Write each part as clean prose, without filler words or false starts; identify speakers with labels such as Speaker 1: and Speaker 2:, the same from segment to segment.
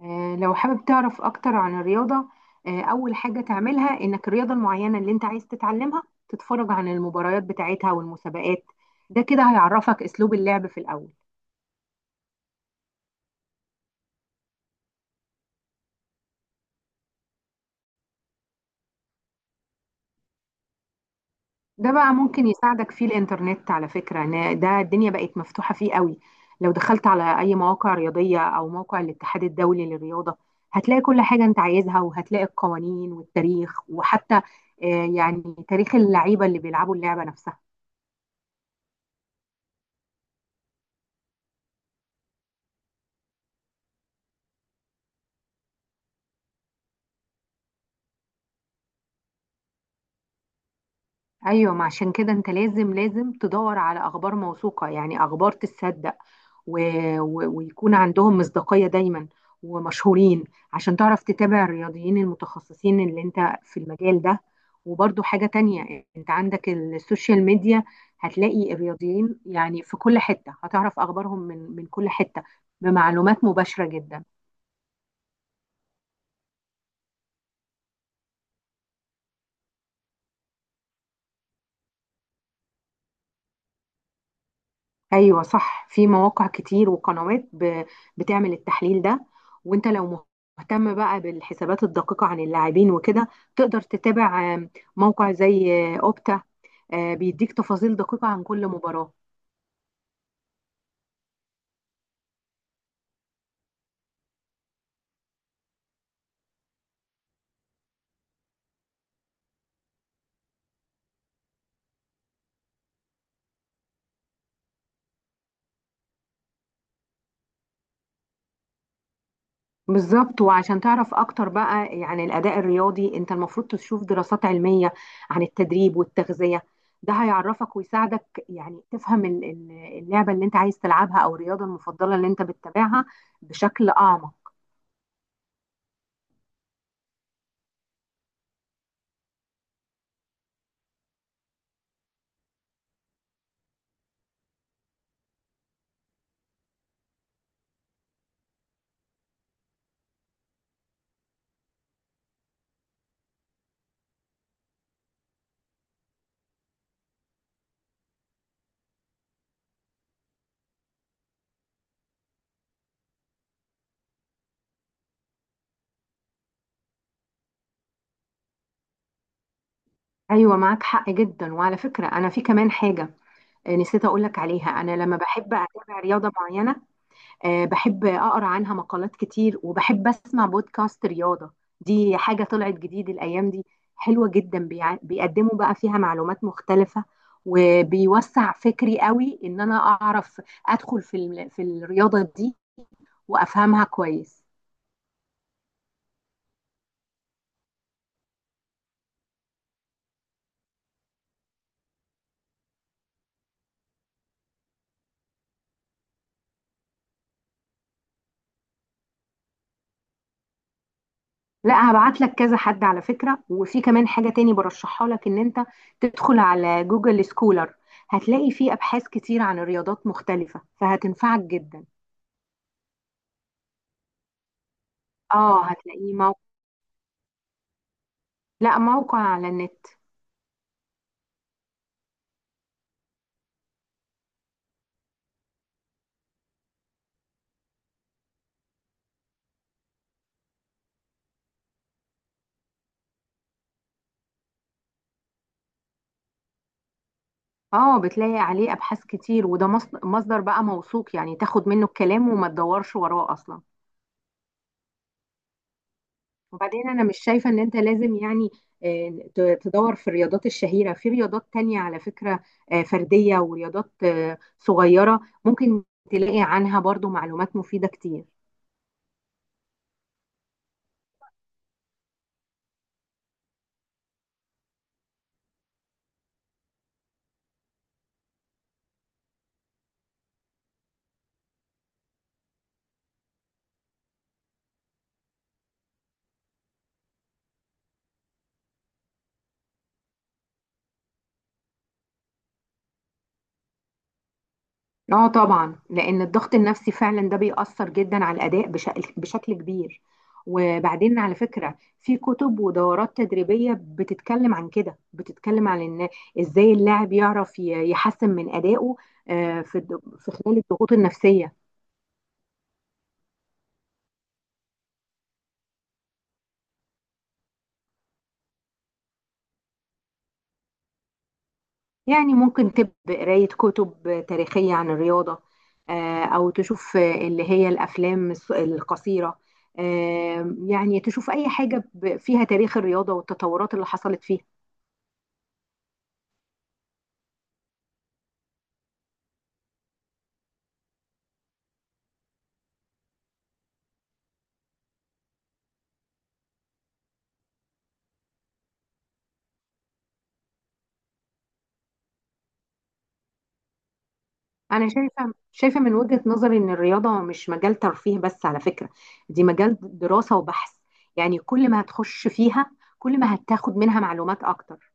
Speaker 1: لو حابب تعرف أكتر عن الرياضة. أول حاجة تعملها إنك الرياضة المعينة اللي أنت عايز تتعلمها تتفرج عن المباريات بتاعتها والمسابقات. ده كده هيعرفك أسلوب اللعب في الأول. ده بقى ممكن يساعدك فيه الإنترنت، على فكرة، إن ده الدنيا بقت مفتوحة فيه قوي. لو دخلت على أي مواقع رياضية أو موقع الاتحاد الدولي للرياضة، هتلاقي كل حاجة أنت عايزها، وهتلاقي القوانين والتاريخ، وحتى آه، يعني تاريخ اللعيبة اللي بيلعبوا اللعبة نفسها. ايوه، ما عشان كده انت لازم تدور على اخبار موثوقه، يعني اخبار تتصدق و... ويكون عندهم مصداقيه دايما ومشهورين، عشان تعرف تتابع الرياضيين المتخصصين اللي انت في المجال ده. وبرضو حاجه تانية، انت عندك السوشيال ميديا، هتلاقي الرياضيين يعني في كل حته، هتعرف اخبارهم من كل حته بمعلومات مباشره جدا. ايوه صح، في مواقع كتير وقنوات بتعمل التحليل ده. وانت لو مهتم بقى بالحسابات الدقيقة عن اللاعبين وكده، تقدر تتابع موقع زي اوبتا. بيديك تفاصيل دقيقة عن كل مباراة. بالظبط. وعشان تعرف اكتر بقى عن الاداء الرياضي، انت المفروض تشوف دراسات علمية عن التدريب والتغذية. ده هيعرفك ويساعدك يعني تفهم اللعبة اللي انت عايز تلعبها او الرياضة المفضلة اللي انت بتتابعها بشكل اعمق. ايوه معاك حق جدا. وعلى فكره انا في كمان حاجه، نسيت اقول لك عليها. انا لما بحب اتابع رياضه معينه، بحب اقرا عنها مقالات كتير، وبحب اسمع بودكاست رياضه. دي حاجه طلعت جديد الايام دي، حلوه جدا. بيقدموا بقى فيها معلومات مختلفه، وبيوسع فكري قوي ان انا اعرف ادخل في الرياضه دي وافهمها كويس. لا، هبعت لك كذا حد على فكرة. وفي كمان حاجة تاني برشحها لك، ان انت تدخل على جوجل سكولر، هتلاقي فيه ابحاث كتير عن رياضات مختلفة، فهتنفعك جدا. اه هتلاقيه موقع. لا، موقع على النت. اه، بتلاقي عليه ابحاث كتير، وده مصدر بقى موثوق، يعني تاخد منه الكلام وما تدورش وراه اصلا. وبعدين انا مش شايفه ان انت لازم يعني تدور في الرياضات الشهيره، في رياضات تانية على فكره، فرديه، ورياضات صغيره. ممكن تلاقي عنها برضو معلومات مفيده كتير. اه طبعا، لان الضغط النفسي فعلا ده بيأثر جدا على الاداء بشكل كبير. وبعدين على فكره في كتب ودورات تدريبيه بتتكلم عن كده، بتتكلم عن ان ازاي اللاعب يعرف يحسن من ادائه في خلال الضغوط النفسيه. يعني ممكن تب قراية كتب تاريخية عن الرياضة، أو تشوف اللي هي الأفلام القصيرة. يعني تشوف أي حاجة فيها تاريخ الرياضة والتطورات اللي حصلت فيها. أنا شايفة من وجهة نظري إن الرياضة مش مجال ترفيه بس على فكرة. دي مجال دراسة وبحث. يعني كل ما هتخش فيها، كل ما هتاخد منها معلومات أكتر.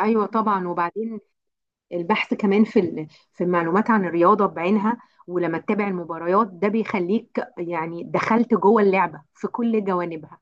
Speaker 1: أيوة طبعا. وبعدين البحث كمان في المعلومات عن الرياضة بعينها. ولما تتابع المباريات، ده بيخليك يعني دخلت جوه اللعبة في كل جوانبها.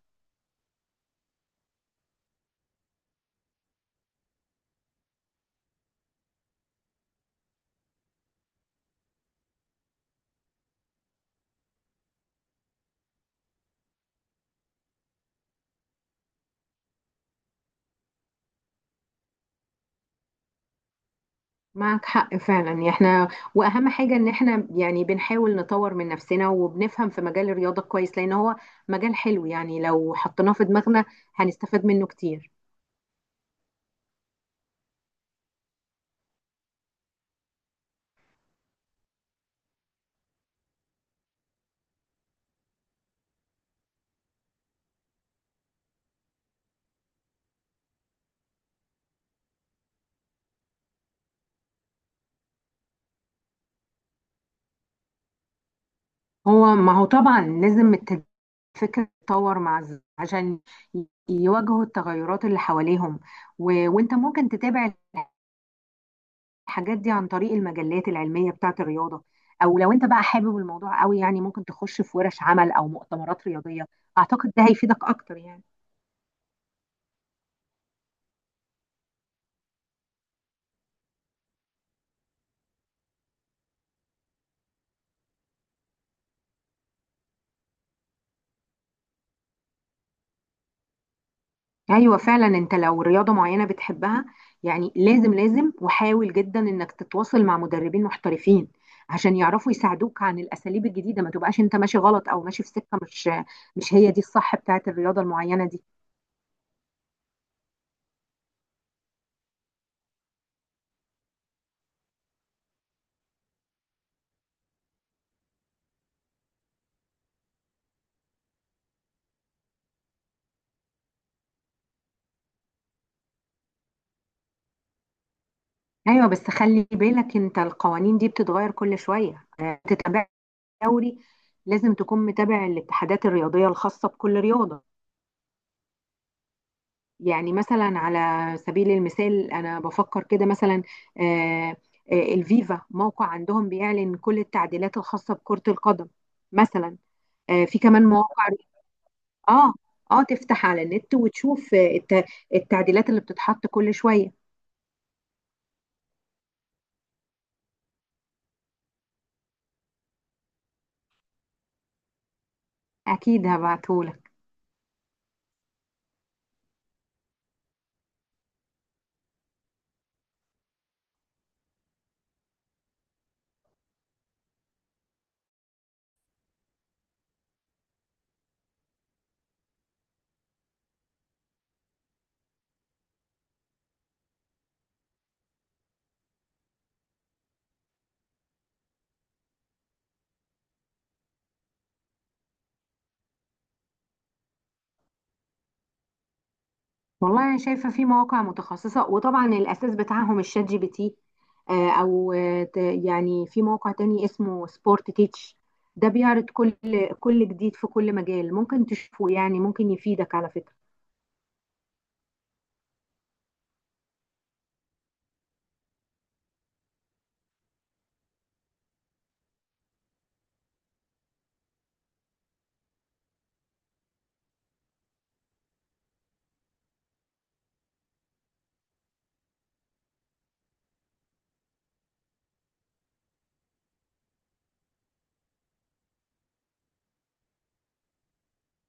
Speaker 1: معك حق فعلا. احنا واهم حاجة ان احنا يعني بنحاول نطور من نفسنا وبنفهم في مجال الرياضة كويس، لان هو مجال حلو. يعني لو حطيناه في دماغنا هنستفاد منه كتير. هو ما هو طبعا لازم الفكرة تتطور مع عشان يواجهوا التغيرات اللي حواليهم. وانت ممكن تتابع الحاجات دي عن طريق المجلات العلمية بتاعت الرياضة، أو لو أنت بقى حابب الموضوع قوي يعني ممكن تخش في ورش عمل أو مؤتمرات رياضية. أعتقد ده هيفيدك أكتر يعني. أيوة فعلا، أنت لو رياضة معينة بتحبها، يعني لازم وحاول جدا إنك تتواصل مع مدربين محترفين، عشان يعرفوا يساعدوك عن الأساليب الجديدة، ما تبقاش أنت ماشي غلط أو ماشي في سكة مش هي دي الصح بتاعت الرياضة المعينة دي. أيوة، بس خلي بالك أنت القوانين دي بتتغير كل شوية. تتابع دوري، لازم تكون متابع الاتحادات الرياضية الخاصة بكل رياضة. يعني مثلا على سبيل المثال أنا بفكر كده مثلا، آه، الفيفا موقع عندهم بيعلن كل التعديلات الخاصة بكرة القدم. مثلا في كمان مواقع. اه، اه، تفتح على النت وتشوف التعديلات اللي بتتحط كل شوية. أكيد هبعتهولك. والله انا شايفه في مواقع متخصصه، وطبعا الاساس بتاعهم الشات جي بي تي. يعني في موقع تاني اسمه سبورت تيتش. ده بيعرض كل جديد في كل مجال ممكن تشوفه. يعني ممكن يفيدك على فكره.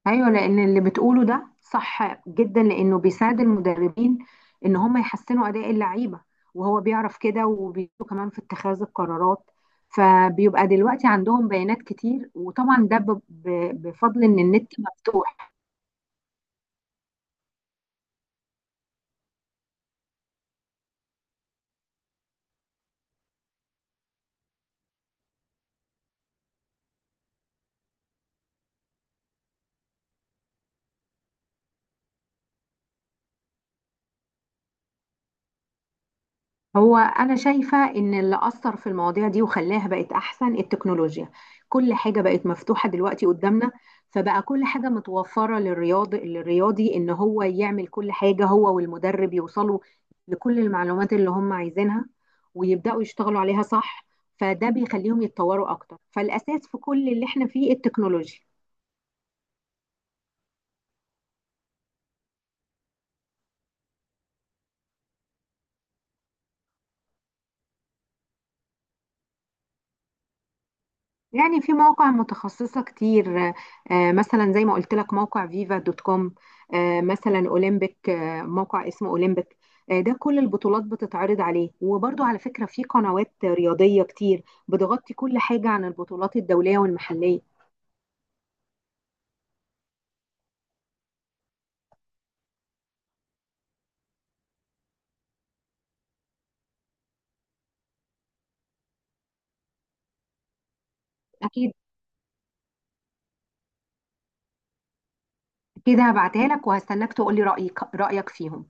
Speaker 1: ايوه، لان اللي بتقوله ده صح جدا، لانه بيساعد المدربين ان هم يحسنوا اداء اللعيبه. وهو بيعرف كده وبيساعده كمان في اتخاذ القرارات. فبيبقى دلوقتي عندهم بيانات كتير، وطبعا ده بفضل ان النت مفتوح. هو أنا شايفة إن اللي أثر في المواضيع دي وخلاها بقت أحسن التكنولوجيا. كل حاجة بقت مفتوحة دلوقتي قدامنا. فبقى كل حاجة متوفرة للرياضي إن هو يعمل كل حاجة، هو والمدرب يوصلوا لكل المعلومات اللي هم عايزينها ويبدأوا يشتغلوا عليها صح. فده بيخليهم يتطوروا أكتر، فالأساس في كل اللي إحنا فيه التكنولوجيا. يعني في مواقع متخصصة كتير، مثلا زي ما قلت لك موقع فيفا دوت كوم، مثلا اولمبيك، موقع اسمه اولمبيك. ده كل البطولات بتتعرض عليه. وبرضو على فكرة في قنوات رياضية كتير بتغطي كل حاجة عن البطولات الدولية والمحلية. أكيد. كده هبعتها لك وهستناك تقولي رأيك فيهم.